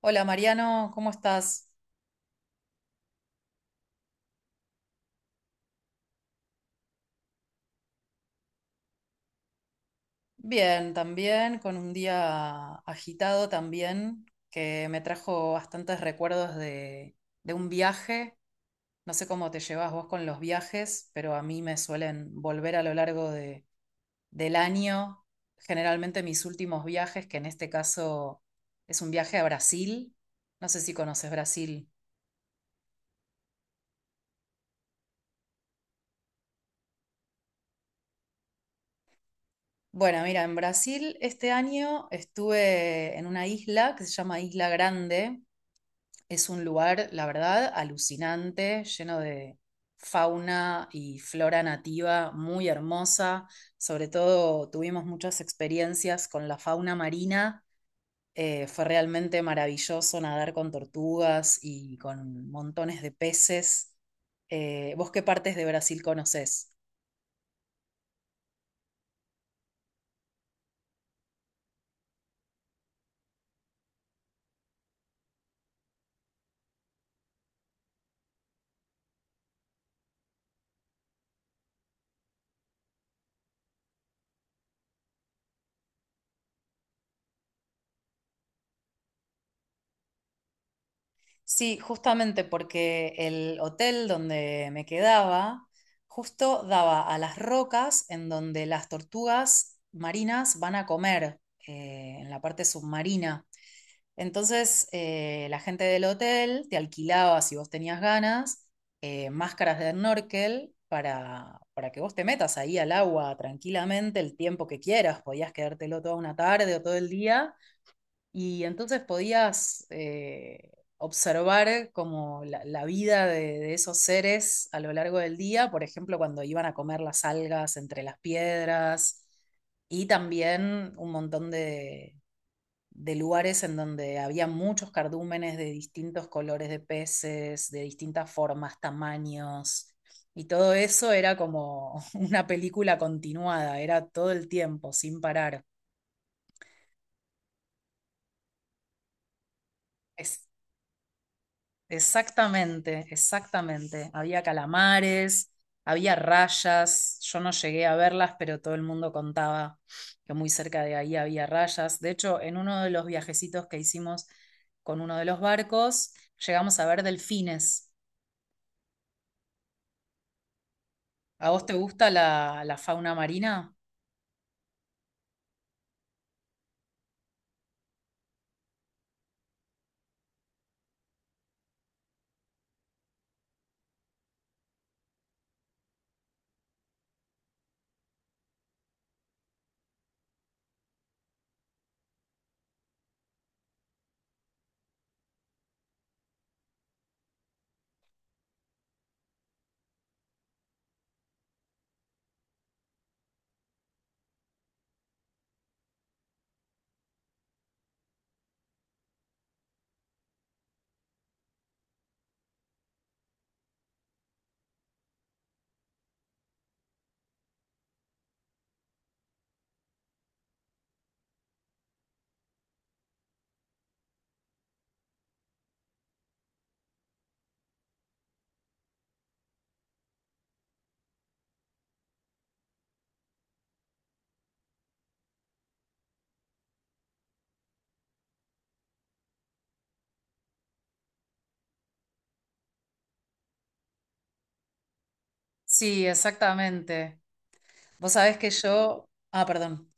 Hola Mariano, ¿cómo estás? Bien, también, con un día agitado también, que me trajo bastantes recuerdos de un viaje. No sé cómo te llevas vos con los viajes, pero a mí me suelen volver a lo largo del año. Generalmente mis últimos viajes, que en este caso es un viaje a Brasil. No sé si conoces Brasil. Bueno, mira, en Brasil este año estuve en una isla que se llama Isla Grande. Es un lugar, la verdad, alucinante, lleno de fauna y flora nativa muy hermosa. Sobre todo tuvimos muchas experiencias con la fauna marina. Fue realmente maravilloso nadar con tortugas y con montones de peces. ¿Vos qué partes de Brasil conocés? Sí, justamente porque el hotel donde me quedaba justo daba a las rocas en donde las tortugas marinas van a comer, en la parte submarina. Entonces, la gente del hotel te alquilaba, si vos tenías ganas, máscaras de snorkel para que vos te metas ahí al agua tranquilamente el tiempo que quieras. Podías quedártelo toda una tarde o todo el día y entonces podías observar como la vida de esos seres a lo largo del día, por ejemplo, cuando iban a comer las algas entre las piedras, y también un montón de lugares en donde había muchos cardúmenes de distintos colores de peces, de distintas formas, tamaños, y todo eso era como una película continuada, era todo el tiempo, sin parar. Exactamente, exactamente. Había calamares, había rayas. Yo no llegué a verlas, pero todo el mundo contaba que muy cerca de ahí había rayas. De hecho, en uno de los viajecitos que hicimos con uno de los barcos, llegamos a ver delfines. ¿A vos te gusta la fauna marina? Sí, exactamente. Vos sabés que yo... Ah, perdón.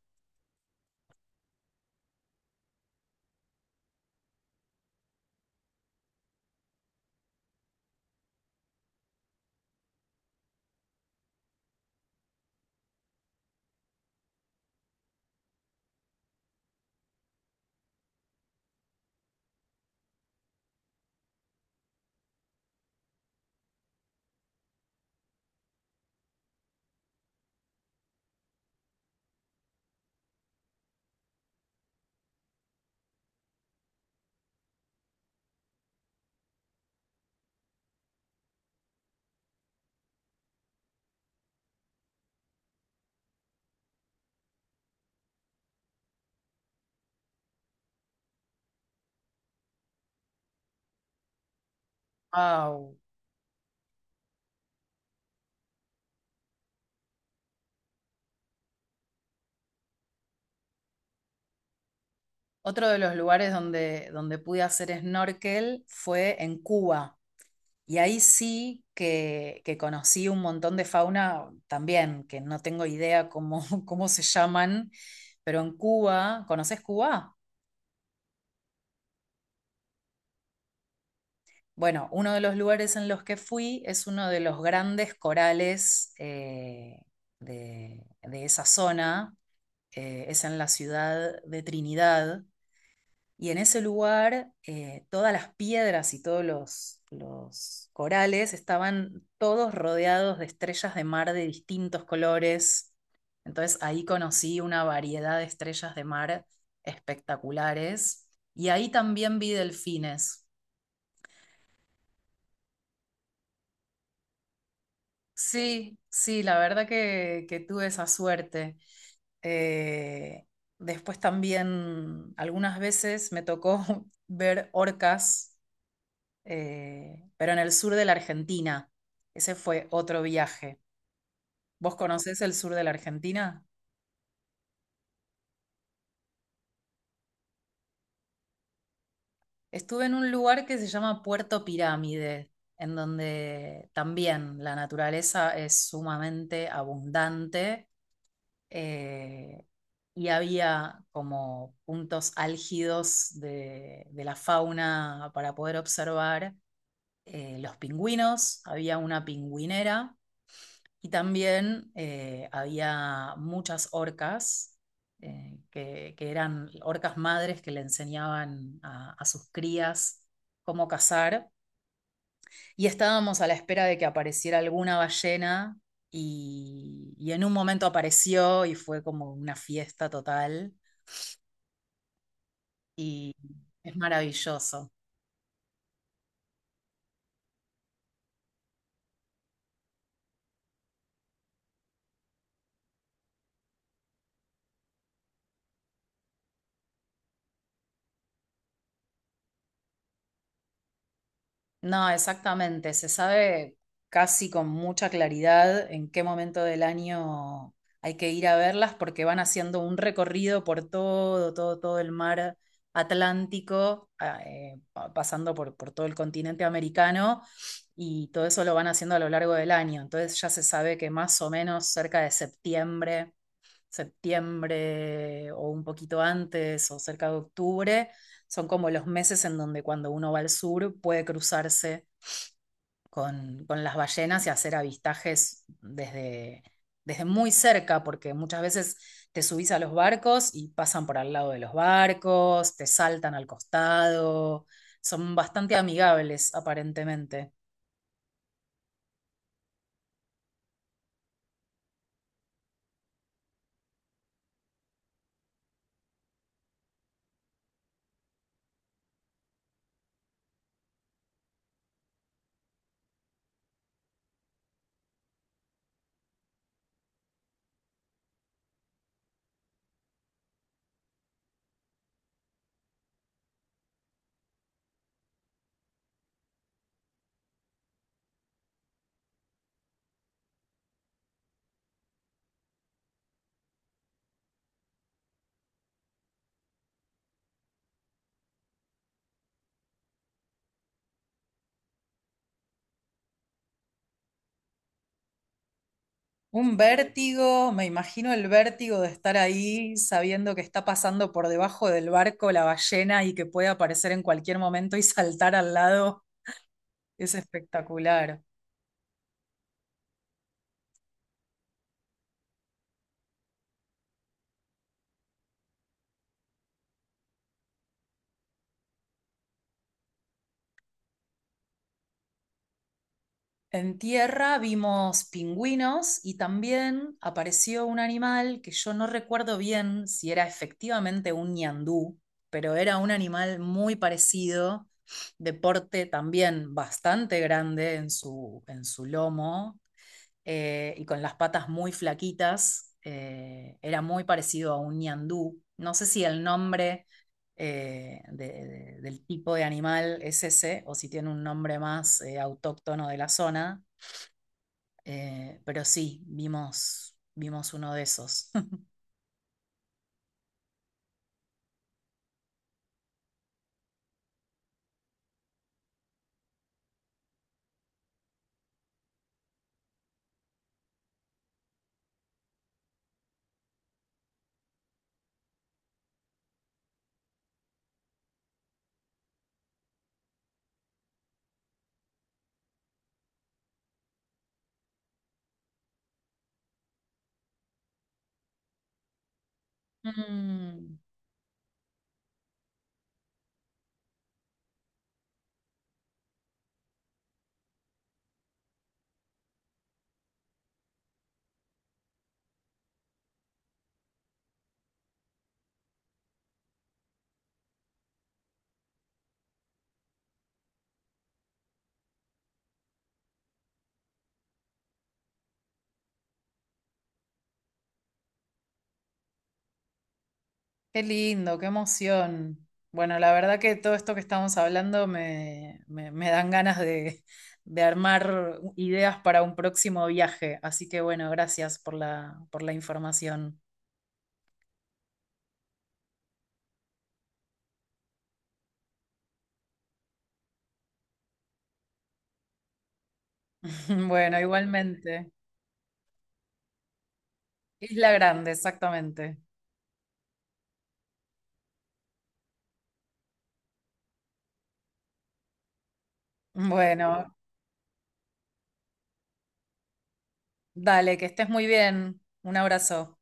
Au. Otro de los lugares donde pude hacer snorkel fue en Cuba. Y ahí sí que conocí un montón de fauna también, que no tengo idea cómo, cómo se llaman, pero en Cuba, ¿conoces Cuba? Bueno, uno de los lugares en los que fui es uno de los grandes corales de esa zona, es en la ciudad de Trinidad. Y en ese lugar, todas las piedras y todos los corales estaban todos rodeados de estrellas de mar de distintos colores. Entonces ahí conocí una variedad de estrellas de mar espectaculares. Y ahí también vi delfines. Sí, sí, la verdad que tuve esa suerte. Eh, Después también algunas veces me tocó ver orcas, pero en el sur de la Argentina. Ese fue otro viaje. ¿Vos conocés el sur de la Argentina? Estuve en un lugar que se llama Puerto Pirámide, en donde también la naturaleza es sumamente abundante, eh, y había como puntos álgidos de la fauna para poder observar los pingüinos, había una pingüinera. Y también había muchas orcas, que eran orcas madres que le enseñaban a sus crías cómo cazar. Y estábamos a la espera de que apareciera alguna ballena y en un momento apareció y fue como una fiesta total y es maravilloso. No, exactamente. Se sabe casi con mucha claridad en qué momento del año hay que ir a verlas porque van haciendo un recorrido por todo, todo, todo el mar Atlántico, pasando por todo el continente americano y todo eso lo van haciendo a lo largo del año. Entonces ya se sabe que más o menos cerca de septiembre o un poquito antes o cerca de octubre, son como los meses en donde cuando uno va al sur puede cruzarse con las ballenas y hacer avistajes desde, desde muy cerca, porque muchas veces te subís a los barcos y pasan por al lado de los barcos, te saltan al costado, son bastante amigables aparentemente. Un vértigo, me imagino el vértigo de estar ahí sabiendo que está pasando por debajo del barco la ballena y que puede aparecer en cualquier momento y saltar al lado. Es espectacular. En tierra vimos pingüinos y también apareció un animal que yo no recuerdo bien si era efectivamente un ñandú, pero era un animal muy parecido, de porte también bastante grande en su lomo, y con las patas muy flaquitas. Era muy parecido a un ñandú. No sé si el nombre del tipo de animal es ese o si tiene un nombre más autóctono de la zona, pero sí, vimos, vimos uno de esos. Mm. Qué lindo, qué emoción. Bueno, la verdad que todo esto que estamos hablando me, me dan ganas de armar ideas para un próximo viaje. Así que bueno, gracias por por la información. Bueno, igualmente. Isla Grande, exactamente. Bueno, dale, que estés muy bien. Un abrazo.